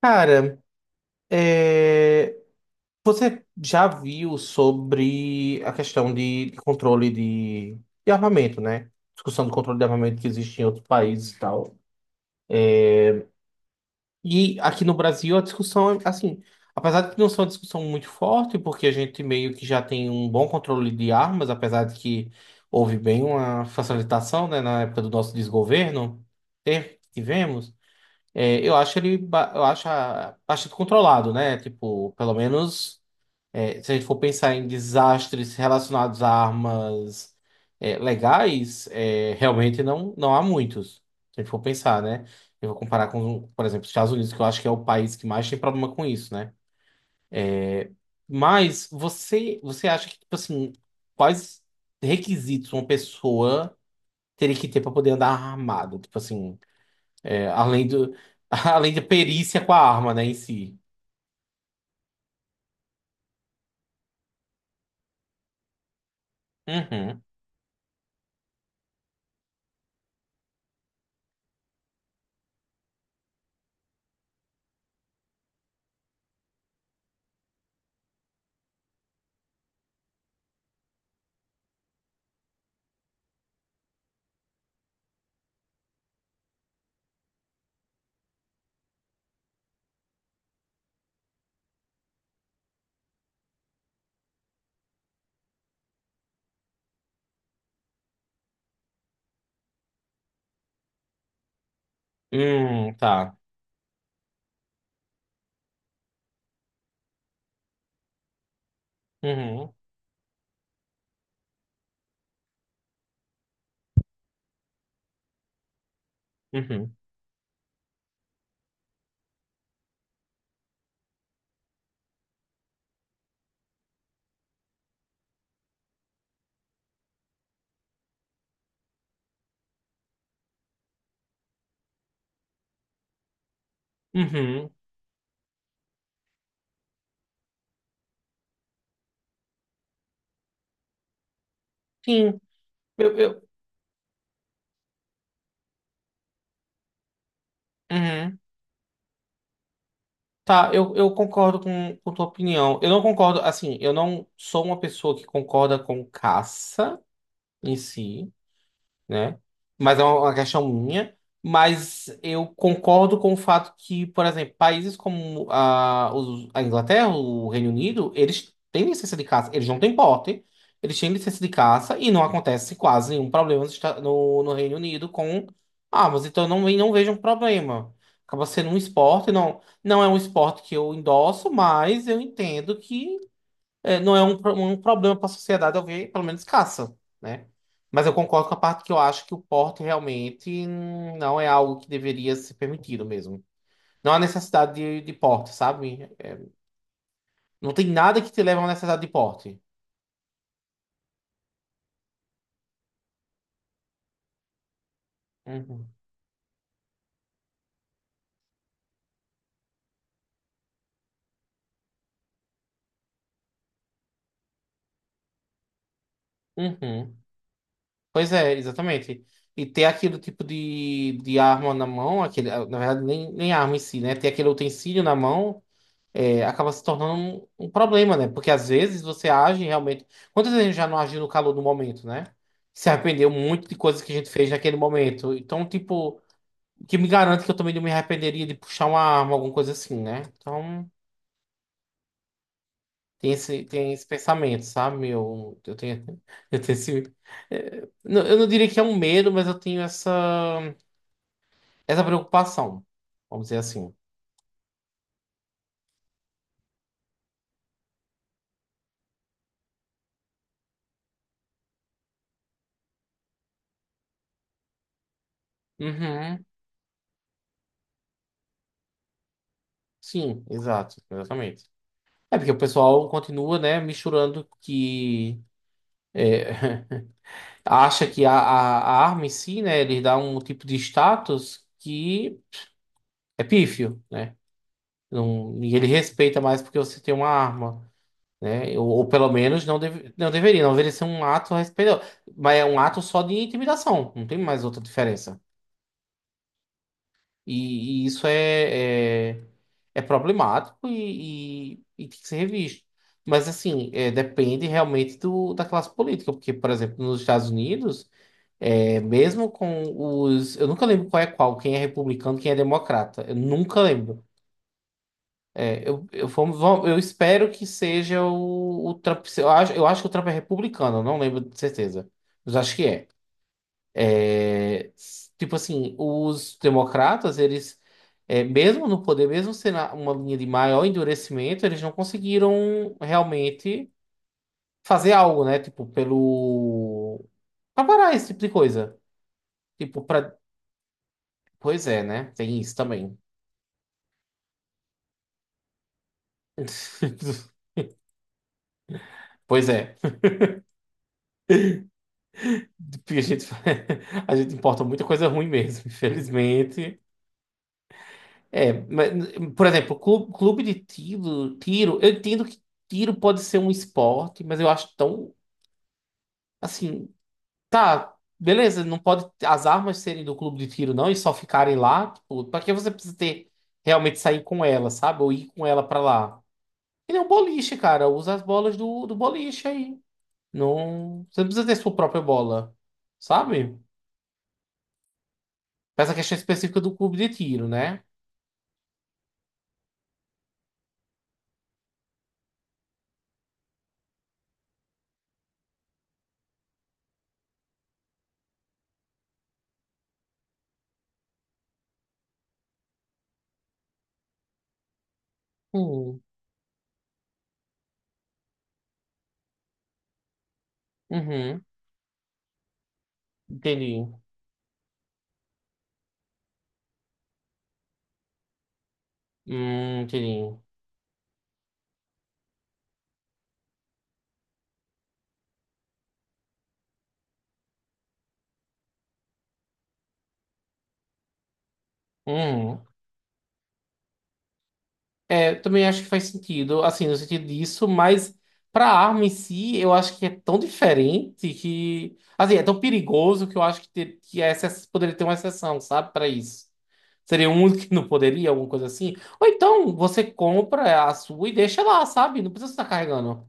Cara, é, você já viu sobre a questão de controle de armamento, né? Discussão do controle de armamento que existe em outros países e tal. E aqui no Brasil a discussão é assim, apesar de que não ser uma discussão muito forte, porque a gente meio que já tem um bom controle de armas, apesar de que houve bem uma facilitação, né, na época do nosso desgoverno. Tivemos, eu acho ele, ba- eu acho a- bastante controlado, né? Tipo, pelo menos. Se a gente for pensar em desastres relacionados a armas, legais, realmente não há muitos. Se a gente for pensar, né? Eu vou comparar com, por exemplo, os Estados Unidos, que eu acho que é o país que mais tem problema com isso, né? Mas você acha que, tipo assim, quais requisitos uma pessoa teria que ter para poder andar armado? Tipo assim, é, além do, além da perícia com a arma, né, em si. Uhum. Tá. Uhum. Uhum. Uhum. Sim. Eu, eu, uhum. Tá, eu concordo com tua opinião. Eu não concordo, assim, eu não sou uma pessoa que concorda com caça em si. Né? Mas é uma questão minha. Mas eu concordo com o fato que, por exemplo, países como a Inglaterra, o Reino Unido, eles têm licença de caça, eles não têm porte, eles têm licença de caça e não acontece quase nenhum problema nos Esta- no, no Reino Unido com armas. Então eu não vejo um problema. Acaba sendo um esporte, não, não é um esporte que eu endosso, mas eu entendo que não é um problema para a sociedade eu ver, pelo menos caça, né? Mas eu concordo com a parte que eu acho que o porte realmente não é algo que deveria ser permitido mesmo. Não há necessidade de porte, sabe? Não tem nada que te leve a uma necessidade de porte. Uhum. Uhum. Pois é, exatamente. E ter aquele tipo de arma na mão, aquele, na verdade, nem, nem arma em si, né? Ter aquele utensílio na mão. Acaba se tornando um problema, né? Porque às vezes você age realmente. Quantas vezes a gente já não agiu no calor do momento, né? Se arrependeu muito de coisas que a gente fez naquele momento. Então, tipo, o que me garante que eu também não me arrependeria de puxar uma arma, alguma coisa assim, né? Então, tem esse pensamento, sabe? Eu tenho esse. Eu não diria que é um medo, mas eu tenho essa preocupação, vamos dizer assim. Uhum. Sim, exato, exatamente. É porque o pessoal continua, né, misturando que é, acha que a arma em si, né, ele dá um tipo de status que é pífio, né? Não, e ele respeita mais porque você tem uma arma, né? Ou pelo menos não deveria ser um ato respeitoso. Mas é um ato só de intimidação, não tem mais outra diferença. E isso é problemático e tem que ser revisto. Mas, assim, depende realmente da classe política, porque, por exemplo, nos Estados Unidos, mesmo com os. Eu nunca lembro qual é qual, quem é republicano, quem é democrata. Eu nunca lembro. Eu espero que seja o Trump. Eu acho que o Trump é republicano, eu não lembro de certeza, mas acho que é. Tipo assim, os democratas, eles, mesmo no poder, mesmo sendo uma linha de maior endurecimento, eles não conseguiram realmente fazer algo, né? Tipo, pelo. Pra parar esse tipo de coisa. Tipo, pra. Pois é, né? Tem isso também. Pois é. A gente, a gente importa muita coisa ruim mesmo, infelizmente. Mas, por exemplo, clube de tiro, eu entendo que tiro pode ser um esporte, mas eu acho tão, assim, tá, beleza, não pode as armas serem do clube de tiro não e só ficarem lá, tipo, pra que você precisa ter, realmente sair com ela, sabe? Ou ir com ela pra lá. Que nem um boliche, cara, usa as bolas do boliche aí. Não, você não precisa ter sua própria bola, sabe? Pra essa questão específica do clube de tiro, né? Hum, uhum, entendi. Entendi. Hum. Eu também acho que faz sentido, assim, no sentido disso, mas pra arma em si, eu acho que é tão diferente que, assim, é tão perigoso que eu acho que essa poderia ter uma exceção, sabe, pra isso. Seria um único que não poderia, alguma coisa assim. Ou então você compra a sua e deixa lá, sabe? Não precisa estar carregando.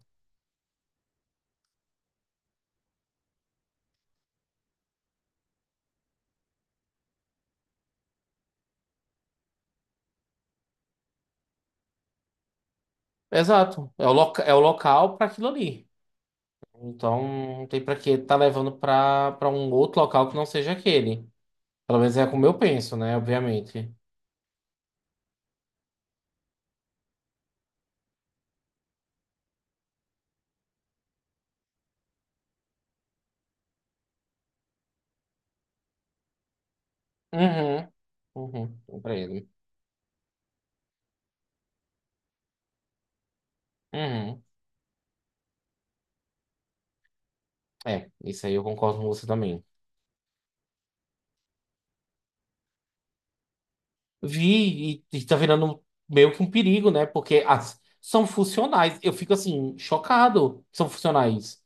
Exato. É o, loca É o local para aquilo ali. Então, não tem para que tá levando para um outro local que não seja aquele. Pelo menos é como eu penso, né? Obviamente. Uhum, uhum, compreendo. Uhum. Isso aí eu concordo com você também. Vi, e tá virando meio que um perigo, né? Porque são funcionais. Eu fico assim, chocado que são funcionais.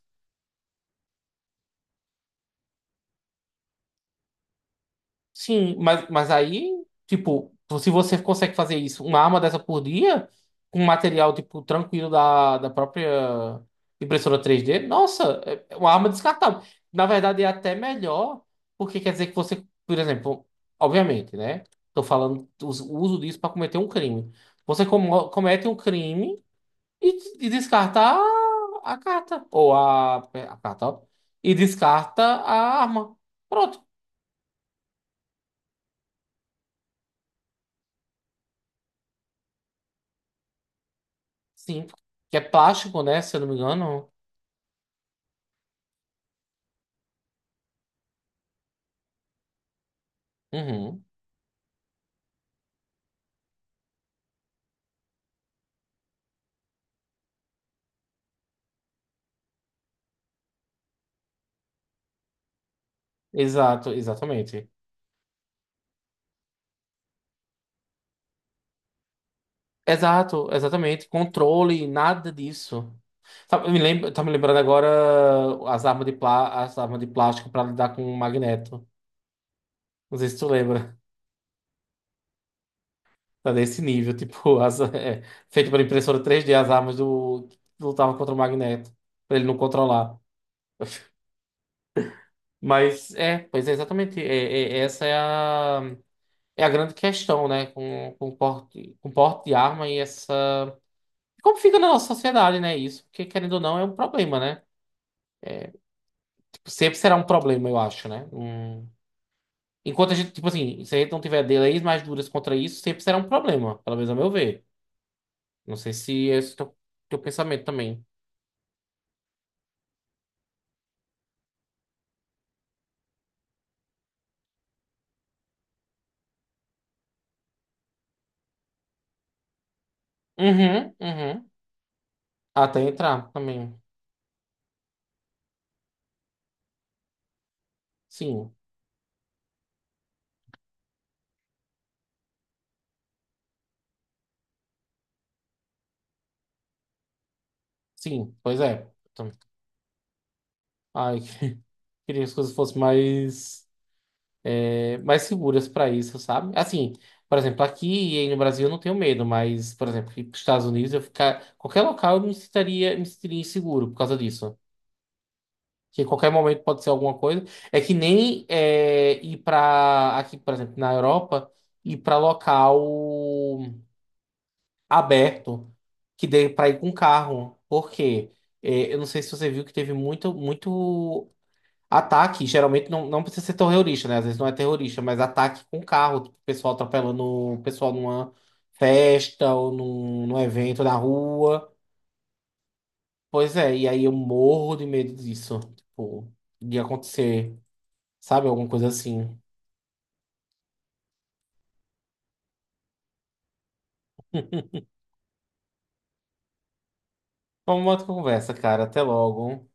Sim, mas aí, tipo, se você consegue fazer isso, uma arma dessa por dia, com material, tipo, tranquilo da própria impressora 3D, nossa, é uma arma descartável. Na verdade, é até melhor, porque quer dizer que você, por exemplo, obviamente, né? Tô falando o uso disso para cometer um crime. Você comete um crime e descarta a carta, ou a carta, ó, e descarta a arma. Pronto. Sim, que é plástico, né? Se eu não me engano. Uhum. Exato, exatamente. Exato, exatamente. Controle, nada disso. Tá, eu me lembro, tá me lembrando agora as armas de plástico para lidar com o magneto. Não sei se tu lembra. Tá desse nível, tipo, feito pela impressora 3D, as armas que lutavam contra o magneto, pra ele não controlar. Mas é, pois é, exatamente. Essa é a grande questão, né? Com porte, com porte de arma e essa. Como fica na nossa sociedade, né? Isso, porque querendo ou não, é um problema, né? Tipo, sempre será um problema, eu acho, né? Hum. Enquanto a gente, tipo assim, se a gente não tiver leis mais duras contra isso, sempre será um problema, pelo menos a meu ver. Não sei se esse é o teu pensamento também. Uhum, uhum. Até entrar também. Sim, sim, pois é. Então, ai, queria que as coisas fossem mais, mais seguras para isso, sabe? Assim, por exemplo, aqui e aí no Brasil eu não tenho medo, mas, por exemplo, ir para os Estados Unidos, eu ficar. Qualquer local eu me sentiria inseguro por causa disso. Que em qualquer momento pode ser alguma coisa. É que nem ir para. Aqui, por exemplo, na Europa, ir para local aberto, que dê para ir com carro. Por quê? É, eu não sei se você viu que teve muito, muito. Ataque, geralmente não precisa ser terrorista, né? Às vezes não é terrorista, mas ataque com carro, tipo, o pessoal atropelando o pessoal numa festa ou num evento na rua. Pois é, e aí eu morro de medo disso, tipo, de acontecer, sabe? Alguma coisa assim. Vamos uma outra conversa, cara. Até logo.